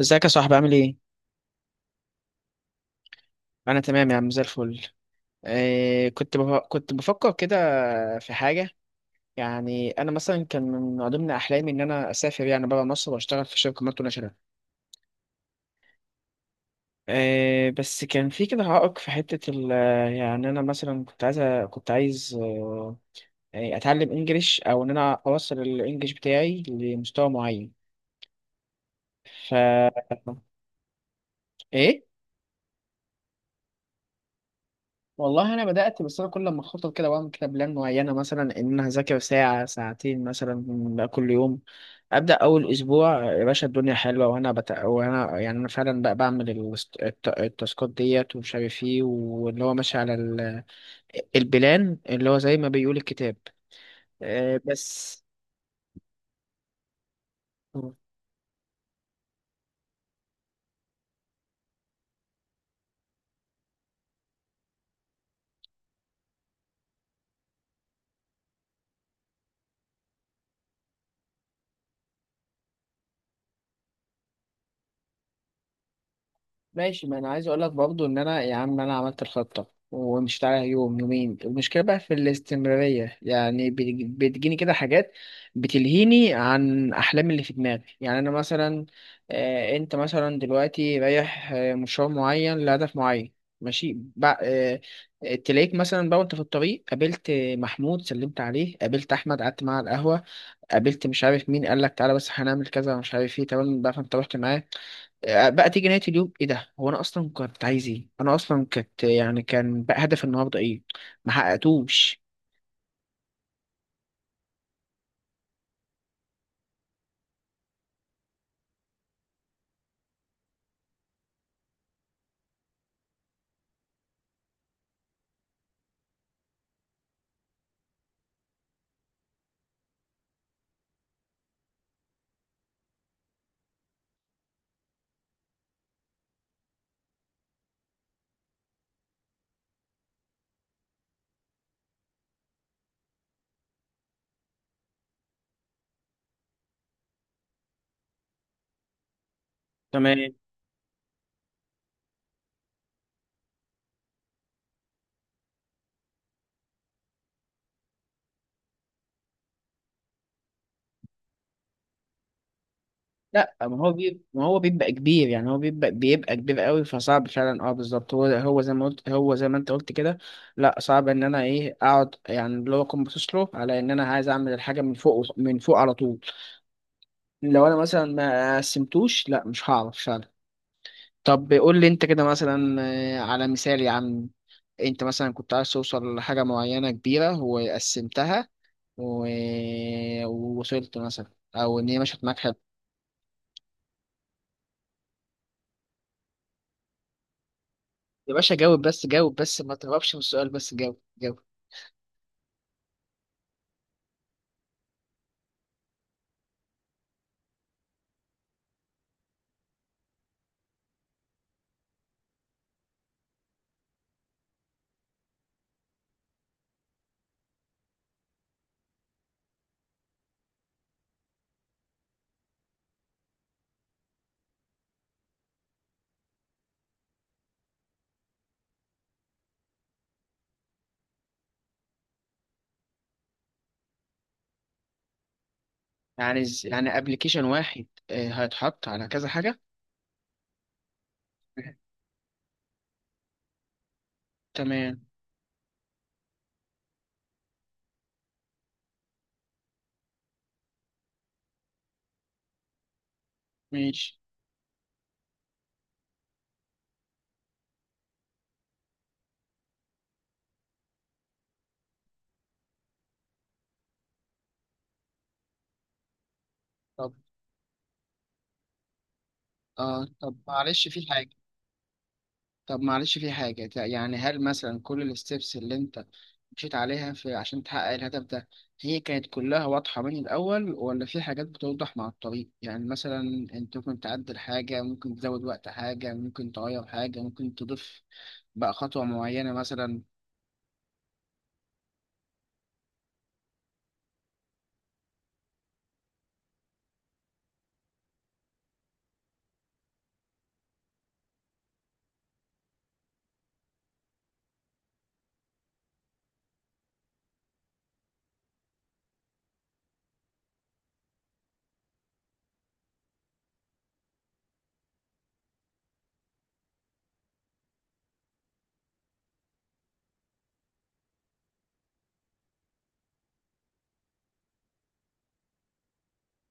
ازيك يا صاحبي، عامل ايه؟ انا تمام يا عم، زي الفل. إيه، كنت بفكر كده في حاجة. يعني انا مثلا كان من ضمن احلامي ان انا اسافر يعني بره مصر واشتغل في شركة مالتي ناشونال. إيه، بس كان في كده عائق في حتة. يعني انا مثلا كنت عايز يعني اتعلم انجليش او ان انا اوصل الانجليش بتاعي لمستوى معين. ف ايه، والله انا بدات، بس انا كل لما اخطط كده بعمل كده بلان معينه، مثلا ان انا هذاكر ساعه ساعتين مثلا كل يوم. ابدا اول اسبوع يا باشا الدنيا حلوه، وانا يعني انا فعلا بقى بعمل التاسكات ديت ومش عارف ايه، واللي هو ماشي على البلان اللي هو زي ما بيقول الكتاب. بس. ماشي، ما انا عايز اقول لك برضو ان انا يا عم انا عملت الخطه ومشيت عليها يوم يومين. المشكله بقى في الاستمراريه، يعني بتجيني كده حاجات بتلهيني عن احلامي اللي في دماغي. يعني انا مثلا انت مثلا دلوقتي رايح مشوار معين لهدف معين. ماشي بقى. تلاقيك مثلا بقى وانت في الطريق قابلت محمود، سلمت عليه، قابلت احمد قعدت معاه على القهوه، قابلت مش عارف مين قال لك تعالى بس هنعمل كذا مش عارف ايه، تمام بقى فانت رحت معاه. بقى تيجي نهاية اليوم، ايه ده؟ هو انا اصلا كنت عايز ايه؟ انا اصلا كنت، يعني كان بقى هدف النهارده ايه؟ ما حققتوش. تمام. لا، ما هو بيبقى كبير. يعني هو بيبقى كبير قوي، فصعب فعلا. اه بالظبط، هو زي ما انت قلت كده. لا، صعب ان انا ايه، اقعد يعني اللي هو اكون باصص له على ان انا عايز اعمل الحاجه من فوق، من فوق على طول. لو انا مثلا ما قسمتوش لا، مش هعرف فعلا. طب قول لي انت كده مثلا، على مثال يا عم. انت مثلا كنت عايز توصل لحاجة معينة كبيرة وقسمتها و... ووصلت مثلا، او ان هي مشيت معاك حلو. يا باشا جاوب، بس جاوب، بس ما تهربش من السؤال، بس جاوب جاوب. يعني يعني ابلكيشن واحد هيتحط على كذا حاجة. تمام. ماشي. طب، اه طب معلش في حاجة. طب معلش في حاجة، يعني هل مثلا كل الستبس اللي انت مشيت عليها في عشان تحقق الهدف ده هي كانت كلها واضحة من الأول، ولا في حاجات بتوضح مع الطريق؟ يعني مثلا انت ممكن تعدل حاجة، ممكن تزود وقت حاجة، ممكن تغير حاجة، ممكن تضيف بقى خطوة معينة مثلا.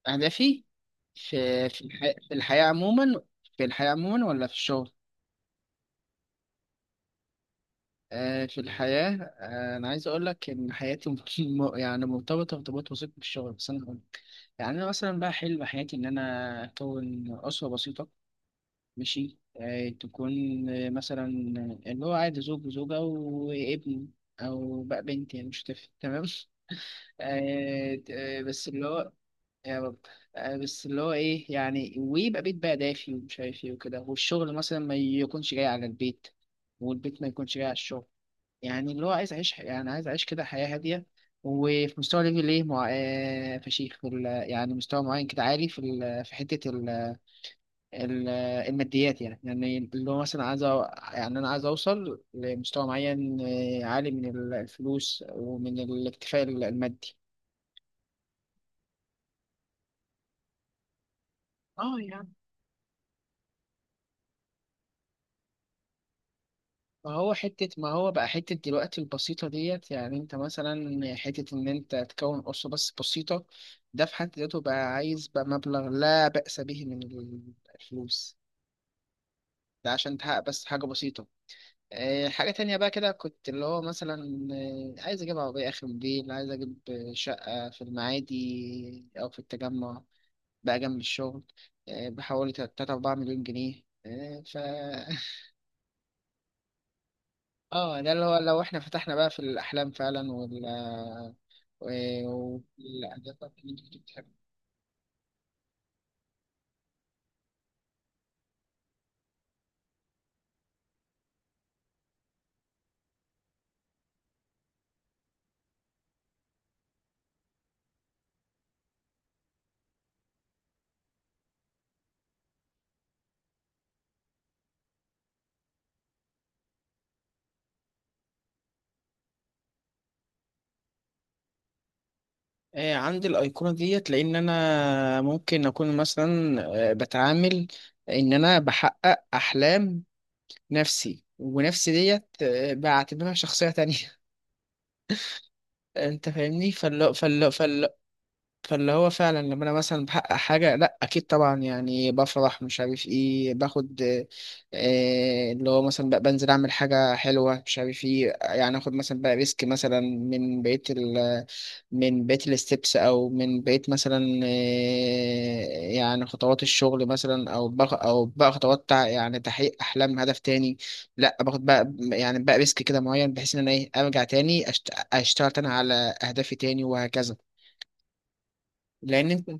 أهدافي في الحياة. في الحياة عموما. في الحياة عموما ولا في الشغل؟ آه في الحياة. آه أنا عايز أقول لك إن حياتي يعني مرتبطة ارتباط وثيق بالشغل، بس أنا يعني أنا مثلا بقى حلم حياتي إن أنا أكون أسرة بسيطة. ماشي، تكون مثلا اللي هو عادي زوج وزوجة وابن، أو بقى بنت، يعني مش هتفرق، تمام. بس اللي هو، يا رب. بس اللي هو إيه يعني، ويبقى بيت بقى دافي ومش عارف إيه وكده، والشغل مثلا ما يكونش جاي على البيت، والبيت ما يكونش جاي على الشغل. يعني اللي هو عايز اعيش يعني عايز اعيش كده حياة هادية، وفي مستوى ليفل ايه مع... آه، فشيخ في يعني مستوى معين كده عالي في في حتة ال... الماديات. يعني اللي هو مثلا يعني انا عايز اوصل لمستوى معين عالي من الفلوس ومن الاكتفاء المادي. اه يعني، ما هو بقى حتة دلوقتي البسيطة ديت، يعني انت مثلا حتة ان انت تكون أسرة بس بسيطة، ده في حد ذاته بقى عايز بقى مبلغ لا بأس به من الفلوس، ده عشان تحقق بس حاجة بسيطة. حاجة تانية بقى كده كنت اللي هو مثلا عايز أجيب عربية آخر موديل، عايز أجيب شقة في المعادي أو في التجمع بقى جنب الشغل، بحوالي 3 4 مليون جنيه. اه ده اللي هو لو احنا فتحنا بقى في الأحلام فعلا، والأهداف اللي انت كنت بتحبها. عندي الأيقونة ديت لأن أنا ممكن أكون مثلا بتعامل إن أنا بحقق أحلام نفسي، ونفسي ديت بعتبرها شخصية تانية. أنت فاهمني. فال فاللي هو فعلا لما انا مثلا بحقق حاجه، لا اكيد طبعا يعني بفرح مش عارف ايه، باخد اللي هو مثلا بقى بنزل اعمل حاجه حلوه مش عارف ايه، يعني اخد مثلا بقى ريسك مثلا من بقيه الستبس، او من بقيه مثلا يعني خطوات الشغل مثلا، او بقى خطوات يعني تحقيق احلام هدف تاني. لا، باخد بقى يعني بقى ريسك كده معين بحيث ان انا ايه، ارجع تاني اشتغل تاني على اهدافي تاني وهكذا. لان انت،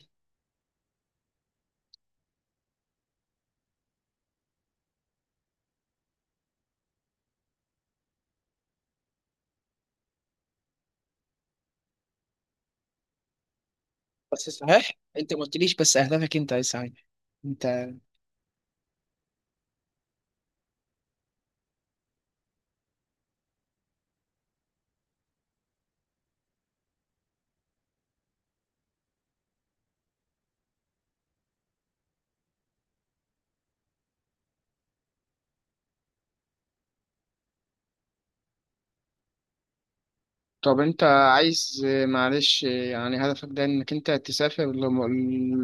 بس صحيح انت ما قلتليش بس اهدافك انت يا سعيد. انت. طب انت عايز، معلش يعني هدفك ده، انك انت تسافر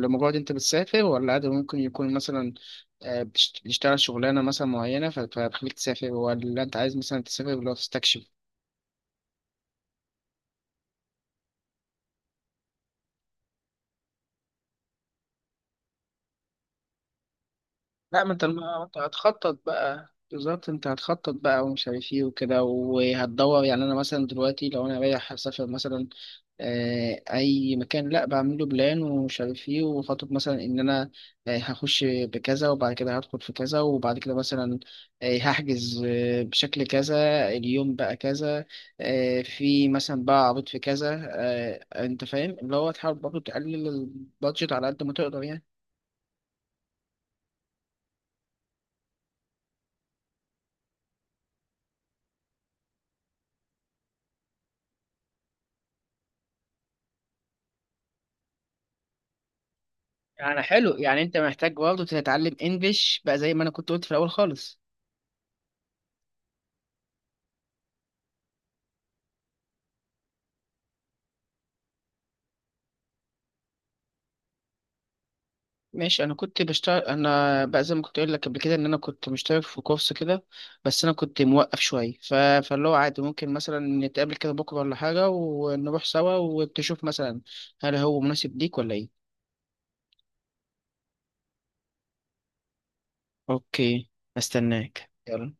لمجرد انت بتسافر، ولا هدف ممكن يكون مثلا بتشتغل شغلانة مثلا معينة فبتخليك تسافر، ولا انت عايز مثلا تسافر لو تستكشف؟ لا، ما انت هتخطط بقى بالظبط، انت هتخطط بقى ومش عارف ايه وكده، وهتدور. يعني انا مثلا دلوقتي لو انا رايح اسافر مثلا اي مكان، لا بعمله بلان ومش عارف ايه وخطط، مثلا ان انا هخش بكذا، وبعد كده هدخل في كذا، وبعد كده مثلا هحجز بشكل كذا، اليوم بقى كذا، في مثلا بقى عرض في كذا. انت فاهم، اللي هو تحاول برضه تقلل البادجت على قد ما تقدر يعني. يعني حلو، يعني انت محتاج برضه تتعلم انجليش بقى زي ما انا كنت قلت في الاول خالص. ماشي، انا كنت بشتغل، انا بقى زي ما كنت اقول لك قبل كده ان انا كنت مشترك في كورس كده، بس انا كنت موقف شويه فاللي هو عادي ممكن مثلا نتقابل كده بكره ولا حاجه ونروح سوا، وتشوف مثلا هل هو مناسب ليك ولا ايه. اوكي، استناك، يلا.